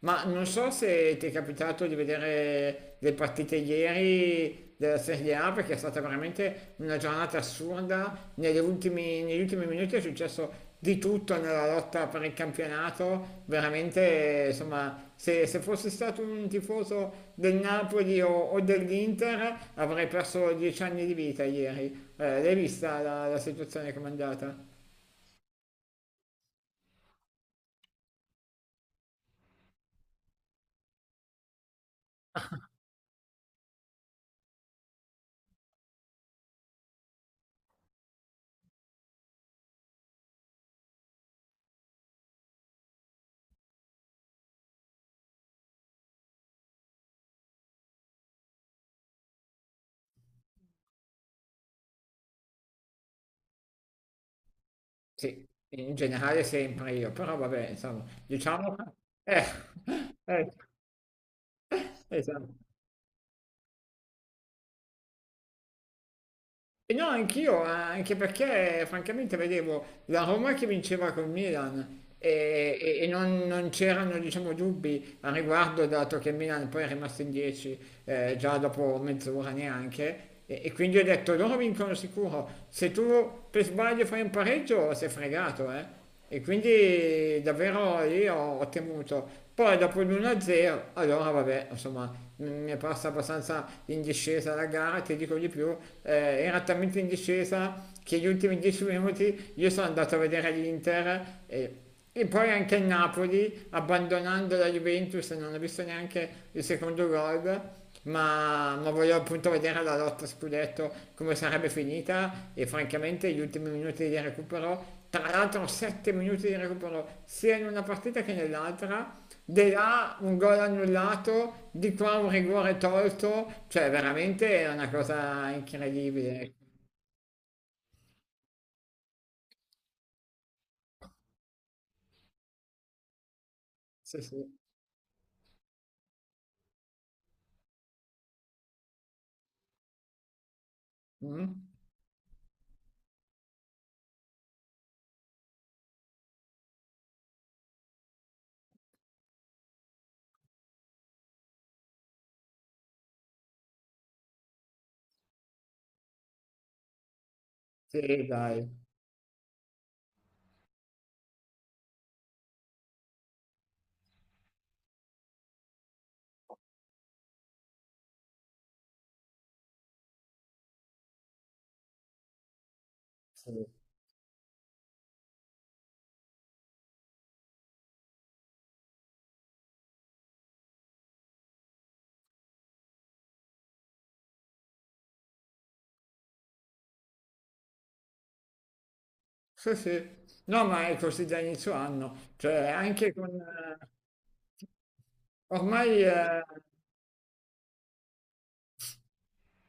Ma non so se ti è capitato di vedere le partite ieri della Serie A perché è stata veramente una giornata assurda. Negli ultimi minuti è successo di tutto nella lotta per il campionato. Veramente, insomma, se fossi stato un tifoso del Napoli o dell'Inter avrei perso 10 anni di vita ieri. L'hai vista la situazione comandata? Sì, in generale sempre io, però vabbè, insomma, diciamo. Eh, ecco, esatto. E no, anch'io, anche perché francamente vedevo la Roma che vinceva col Milan e non c'erano, diciamo, dubbi a riguardo, dato che il Milan poi è rimasto in 10, già dopo mezz'ora neanche, e quindi ho detto: loro vincono sicuro, se tu per sbaglio fai un pareggio sei fregato, e quindi davvero lì ho temuto. Poi dopo l'1-0, allora vabbè, insomma, mi è passata abbastanza in discesa la gara. Ti dico di più, era talmente in discesa che gli ultimi 10 minuti io sono andato a vedere l'Inter e poi anche il Napoli, abbandonando la Juventus, non ha visto neanche il secondo gol, ma voglio appunto vedere la lotta scudetto come sarebbe finita. E francamente gli ultimi minuti di recupero, tra l'altro 7 minuti di recupero sia in una partita che nell'altra, di là un gol annullato, di qua un rigore tolto, cioè veramente è una cosa incredibile. Sì, sì. Mm? Sì, dai. Sì. Sì, sì. No, ma è così da inizio anno, cioè anche Ormai... eh,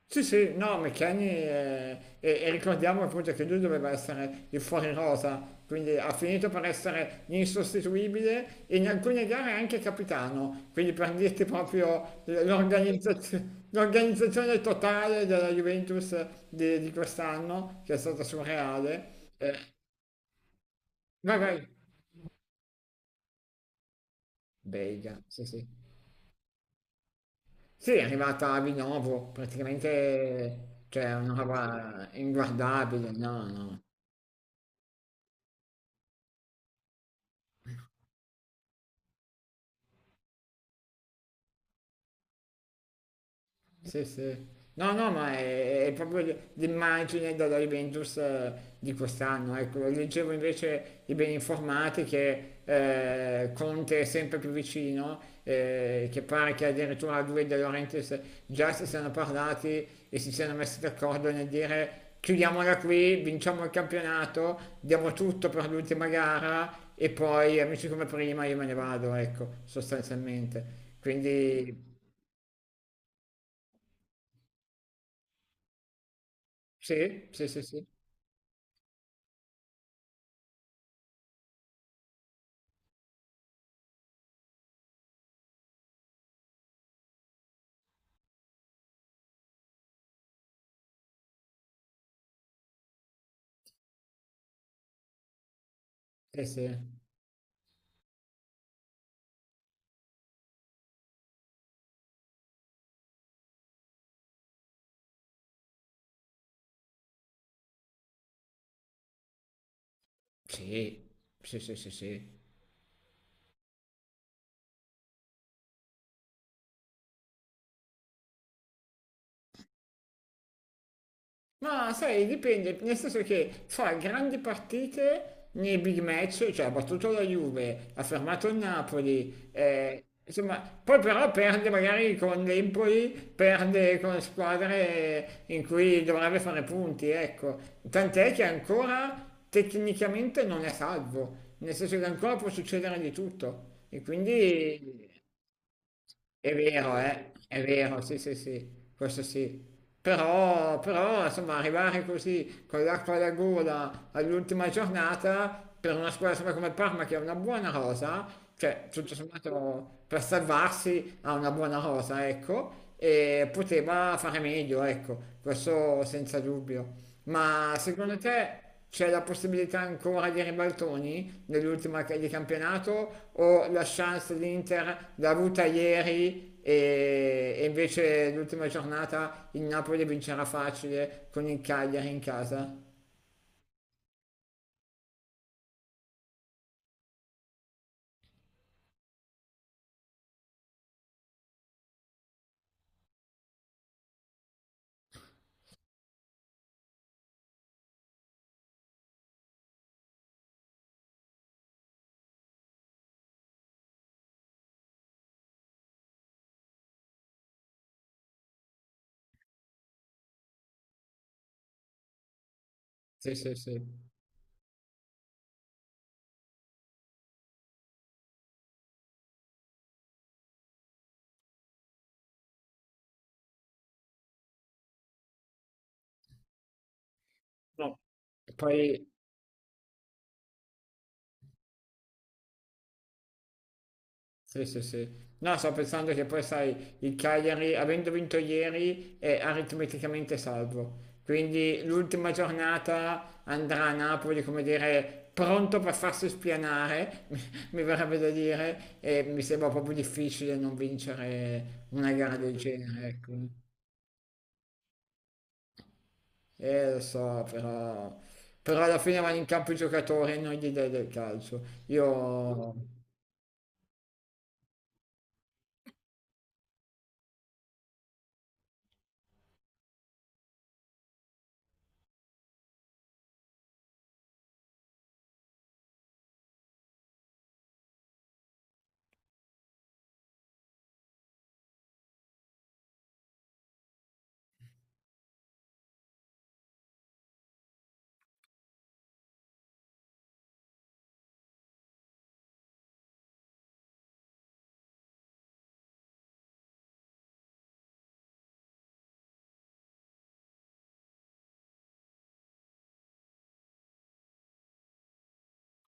sì, sì, no, e ricordiamo appunto che lui doveva essere il fuori rosa, quindi ha finito per essere insostituibile e in alcune gare anche capitano. Quindi, per dirti proprio, l'organizzazione totale della Juventus di quest'anno, che è stata surreale. Vai, vai. Bega, sì, sì. Sì, è arrivata a Vinovo, praticamente, cioè è una roba inguardabile, no, no. Sì, sì. No, no, ma è proprio l'immagine della Juventus di quest'anno. Ecco, leggevo invece i ben informati che Conte è sempre più vicino, che pare che addirittura lui e De Laurentiis già si siano parlati e si siano messi d'accordo nel dire: chiudiamola qui, vinciamo il campionato, diamo tutto per l'ultima gara e poi amici come prima, io me ne vado, ecco, sostanzialmente. Quindi sì, sì, sì, sì. Sì, sì, sì, sì, sì, sì, sì. Ma sai, dipende, nel senso che fa grandi partite nei big match, cioè ha battuto la Juve, ha fermato il Napoli, insomma, poi però perde magari con l'Empoli, perde con squadre in cui dovrebbe fare punti, ecco. Tant'è che ancora tecnicamente non è salvo, nel senso che ancora può succedere di tutto. E quindi. È vero, eh? È vero, sì, sì, sì, questo sì. Però, insomma, arrivare così con l'acqua alla gola all'ultima giornata per una squadra, insomma, come il Parma che ha una buona rosa, cioè tutto sommato per salvarsi ha una buona rosa, ecco, e poteva fare meglio, ecco, questo senza dubbio. Ma secondo te c'è la possibilità ancora di ribaltoni nell'ultima di campionato, o la chance dell'Inter l'ha avuta ieri e invece l'ultima giornata il Napoli vincerà facile con il Cagliari in casa? Sì, sì, sì. No. Poi. Sì, sì, sì. No, sto pensando che poi, sai, il Cagliari, avendo vinto ieri, è aritmeticamente salvo. Quindi l'ultima giornata andrà a Napoli, come dire, pronto per farsi spianare, mi verrebbe da dire, e mi sembra proprio difficile non vincere una gara del genere, ecco. Lo so, però. Però alla fine vanno in campo i giocatori e non gli dai del calcio. Io.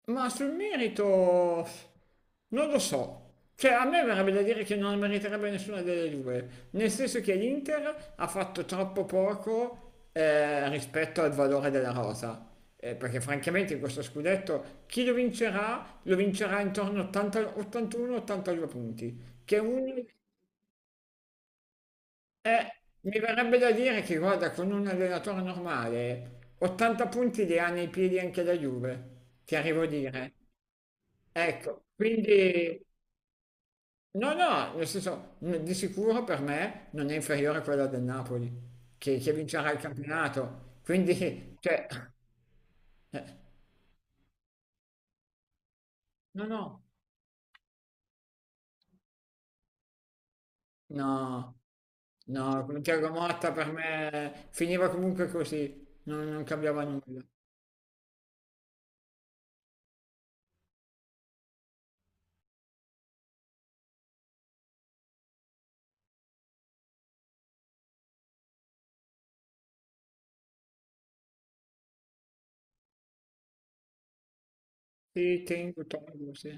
Ma sul merito non lo so. Cioè, a me verrebbe da dire che non meriterebbe nessuna delle due, nel senso che l'Inter ha fatto troppo poco rispetto al valore della rosa. Perché francamente in questo scudetto chi lo vincerà intorno a 80 81-82 punti, che un, eh, mi verrebbe da dire che, guarda, con un allenatore normale 80 punti li ha nei piedi anche la Juve, ti arrivo a dire. Ecco, quindi no, no, nel senso, di sicuro per me non è inferiore a quella del Napoli, che vincerà il campionato. Quindi, cioè, eh, no, no, no, no, con Thiago Motta per me finiva comunque così, non cambiava nulla. Sì, tengo, tolgo, sì.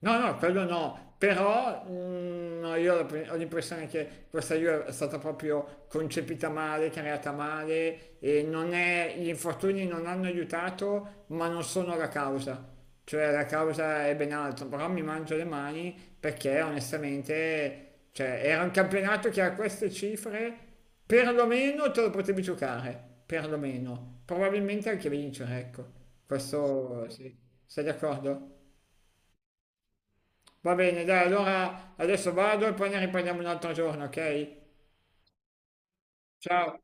No, no, quello no, però no, io ho la ho l'impressione che questa Juve è stata proprio concepita male, creata male, e non è, gli infortuni non hanno aiutato, ma non sono la causa. Cioè la causa è ben altro, però mi mangio le mani perché, onestamente, cioè era un campionato che a queste cifre perlomeno te lo potevi giocare, perlomeno, probabilmente anche vincere, ecco. Questo sì, sei d'accordo? Va bene, dai, allora adesso vado e poi ne riprendiamo un altro giorno, ok? Ciao.